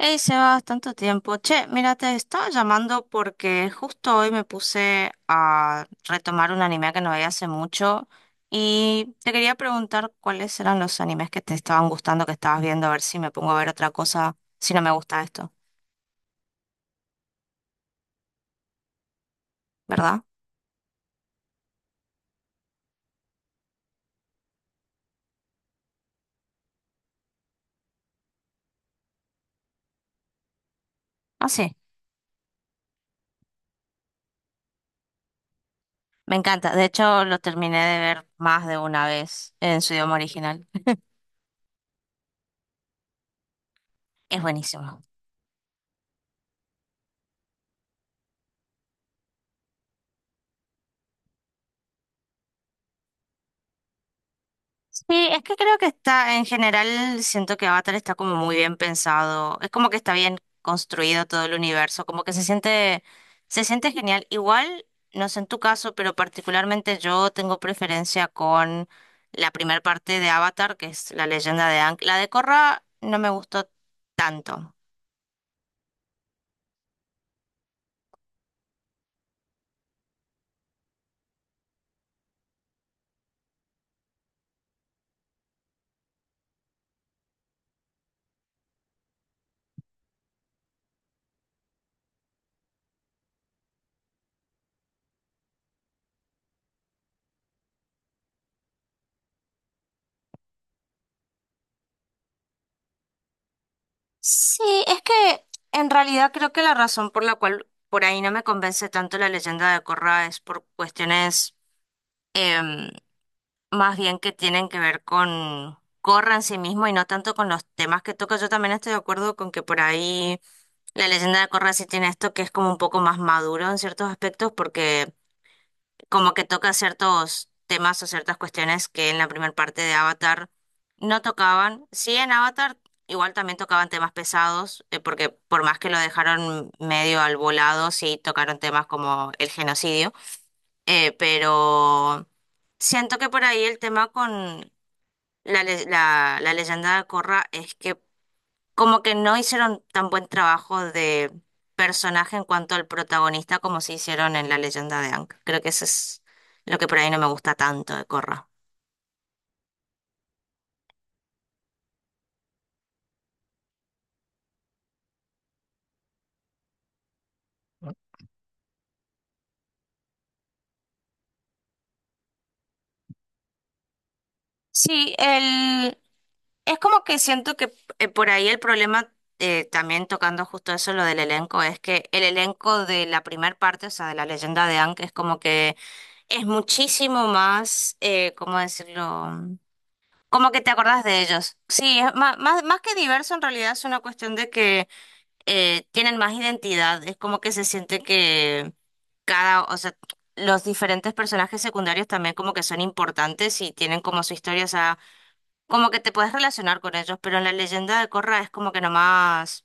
Hey, Sebas, tanto tiempo. Che, mira, te estaba llamando porque justo hoy me puse a retomar un anime que no veía hace mucho y te quería preguntar cuáles eran los animes que te estaban gustando, que estabas viendo, a ver si me pongo a ver otra cosa, si no me gusta esto, ¿verdad? Ah, sí, me encanta. De hecho, lo terminé de ver más de una vez en su idioma original. Es buenísimo. Sí, es que creo que está, en general, siento que Avatar está como muy bien pensado. Es como que está bien construido todo el universo, como que se siente genial. Igual, no sé en tu caso, pero particularmente yo tengo preferencia con la primera parte de Avatar, que es la leyenda de Aang. La de Korra no me gustó tanto. Sí, es que en realidad creo que la razón por la cual por ahí no me convence tanto la leyenda de Korra es por cuestiones, más bien que tienen que ver con Corra en sí mismo y no tanto con los temas que toca. Yo también estoy de acuerdo con que por ahí la leyenda de Corra sí tiene esto que es como un poco más maduro en ciertos aspectos porque como que toca ciertos temas o ciertas cuestiones que en la primera parte de Avatar no tocaban. Sí, en Avatar igual también tocaban temas pesados porque por más que lo dejaron medio al volado, sí tocaron temas como el genocidio, pero Siento que por ahí el tema con la leyenda de Korra es que como que no hicieron tan buen trabajo de personaje en cuanto al protagonista como se hicieron en la leyenda de Aang. Creo que eso es lo que por ahí no me gusta tanto de Korra. Sí, el... es como que siento que por ahí el problema, también tocando justo eso, lo del elenco, es que el elenco de la primera parte, o sea, de la leyenda de Aang, es como que es muchísimo más, ¿cómo decirlo? Como que te acordás de ellos. Sí, es más que diverso, en realidad es una cuestión de que tienen más identidad. Es como que se siente que cada, o sea, los diferentes personajes secundarios también como que son importantes y tienen como su historia, o sea, como que te puedes relacionar con ellos, pero en la leyenda de Corra es como que nomás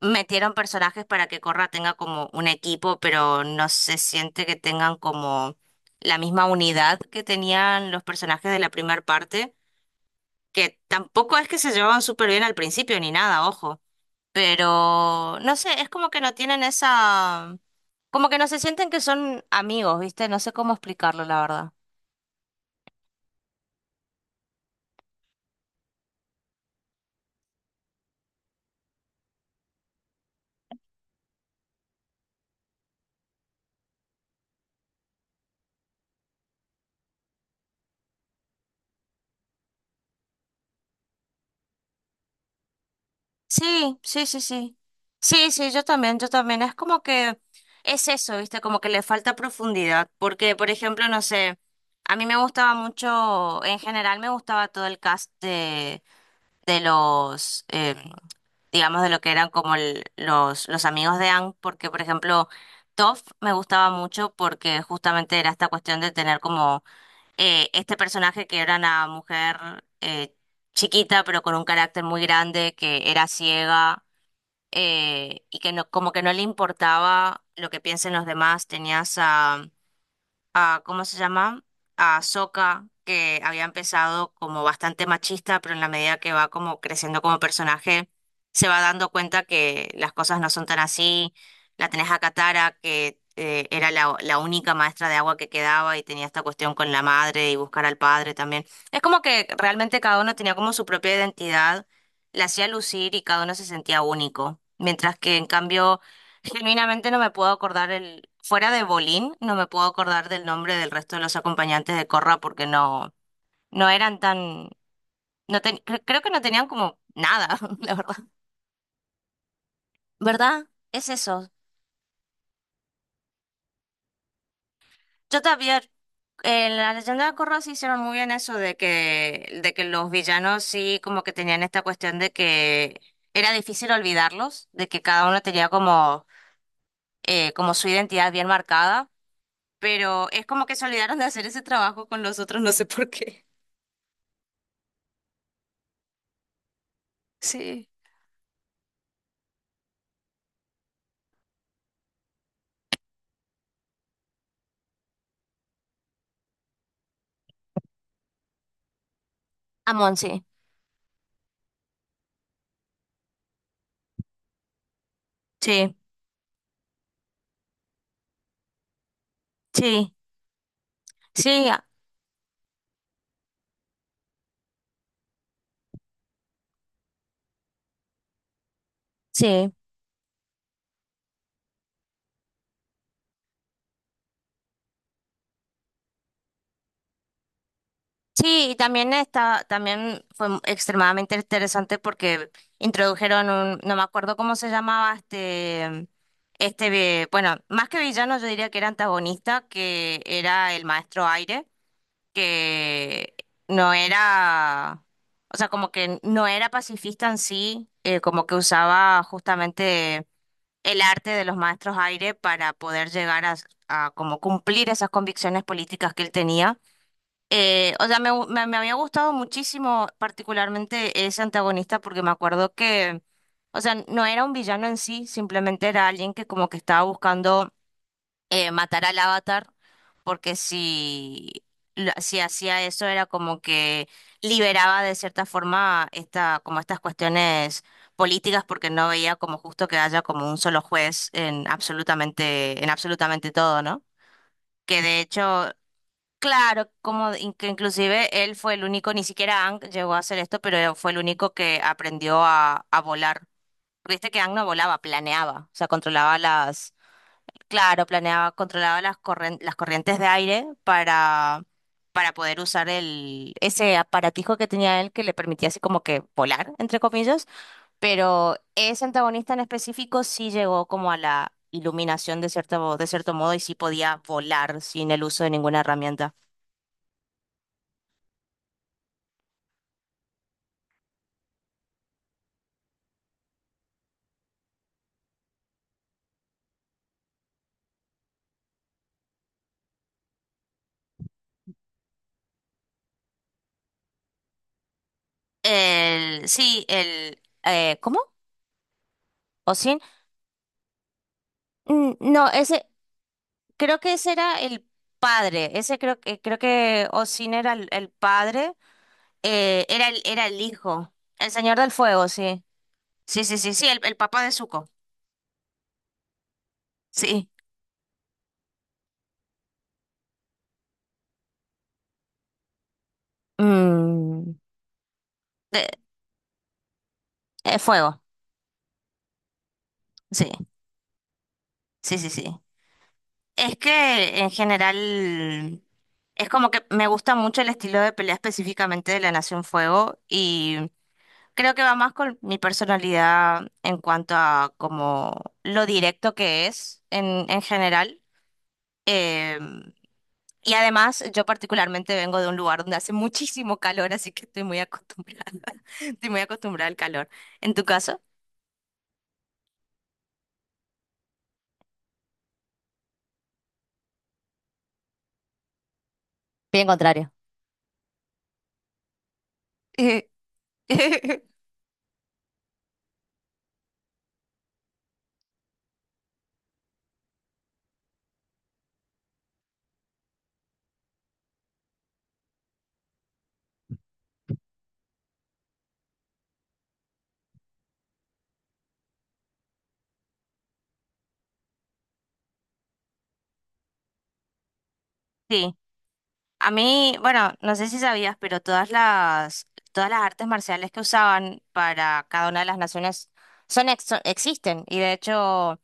metieron personajes para que Corra tenga como un equipo, pero no se siente que tengan como la misma unidad que tenían los personajes de la primera parte, que tampoco es que se llevaban súper bien al principio ni nada, ojo, pero no sé, es como que no tienen esa, como que no se sienten que son amigos, ¿viste? No sé cómo explicarlo, la verdad. Sí, sí, sí, sí. Sí, sí, yo también, yo también. Es como que es eso, ¿viste? Como que le falta profundidad, porque, por ejemplo, no sé, a mí me gustaba mucho, en general me gustaba todo el cast de los, digamos, de lo que eran como los amigos de Ang, porque, por ejemplo, Toph me gustaba mucho porque justamente era esta cuestión de tener como este personaje que era una mujer chiquita, pero con un carácter muy grande, que era ciega y que no, como que no le importaba lo que piensen los demás. Tenías a, ¿cómo se llama? A Sokka, que había empezado como bastante machista, pero en la medida que va como creciendo como personaje, se va dando cuenta que las cosas no son tan así. La tenés a Katara, que era la única maestra de agua que quedaba y tenía esta cuestión con la madre y buscar al padre también. Es como que realmente cada uno tenía como su propia identidad, la hacía lucir y cada uno se sentía único. Mientras que en cambio... Genuinamente no me puedo acordar el, fuera de Bolín, no me puedo acordar del nombre del resto de los acompañantes de Corra porque no, no eran tan, no ten- cre- creo que no tenían como nada, la verdad. ¿Verdad? Es eso. Yo también, en la leyenda de Corra sí hicieron muy bien eso de que los villanos sí como que tenían esta cuestión de que era difícil olvidarlos, de que cada uno tenía como, como su identidad bien marcada. Pero es como que se olvidaron de hacer ese trabajo con los otros, no sé por qué. Sí. A sí, sí, sí, sí, a- sí. Sí, y también está, también fue extremadamente interesante porque introdujeron un, no me acuerdo cómo se llamaba este. Bueno, más que villano yo diría que era antagonista, que era el maestro Aire, que no era, o sea, como que no era pacifista en sí, como que usaba justamente el arte de los maestros aire para poder llegar a como cumplir esas convicciones políticas que él tenía. O sea, me había gustado muchísimo particularmente ese antagonista porque me acuerdo que, o sea, no era un villano en sí, simplemente era alguien que como que estaba buscando matar al avatar, porque si, si hacía eso era como que liberaba de cierta forma esta, como estas cuestiones políticas, porque no veía como justo que haya como un solo juez en absolutamente todo, ¿no? Que de hecho, claro, como que inclusive él fue el único, ni siquiera Ang llegó a hacer esto, pero fue el único que aprendió a volar. Viste que Ang no volaba, planeaba, o sea, controlaba las... Claro, planeaba, controlaba las las corrientes de aire para poder usar el, ese aparatijo que tenía él que le permitía así como que volar, entre comillas, pero ese antagonista en específico sí llegó como a la iluminación de cierto modo y sí podía volar sin el uso de ninguna herramienta. El, sí, el, ¿cómo? ¿O sin? Mm, no, ese, creo que ese era el padre, ese creo que Osin era el padre. Era el hijo. El Señor del Fuego, sí. Sí, sí, sí, sí, el papá de Zuko. Sí. Mm, de- fuego. Sí, sí, sí, sí. Es que en general es como que me gusta mucho el estilo de pelea específicamente de la Nación Fuego y creo que va más con mi personalidad en cuanto a como lo directo que es en general. em, Y además, yo particularmente vengo de un lugar donde hace muchísimo calor, así que estoy muy acostumbrada. Estoy muy acostumbrada al calor. ¿En tu caso? Bien contrario. Sí. A mí, bueno, no sé si sabías, pero todas las artes marciales que usaban para cada una de las naciones son, existen y de hecho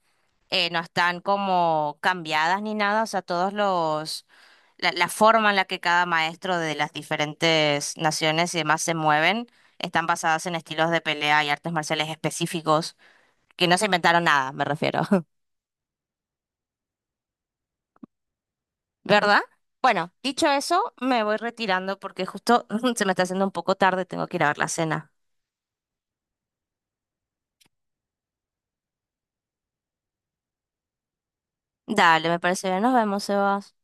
no están como cambiadas ni nada. O sea, todos los, la forma en la que cada maestro de las diferentes naciones y demás se mueven están basadas en estilos de pelea y artes marciales específicos, que no se inventaron nada, me refiero, ¿verdad? Bueno, dicho eso, me voy retirando porque justo se me está haciendo un poco tarde, tengo que ir a ver la cena. Dale, me parece bien, nos vemos, Sebas.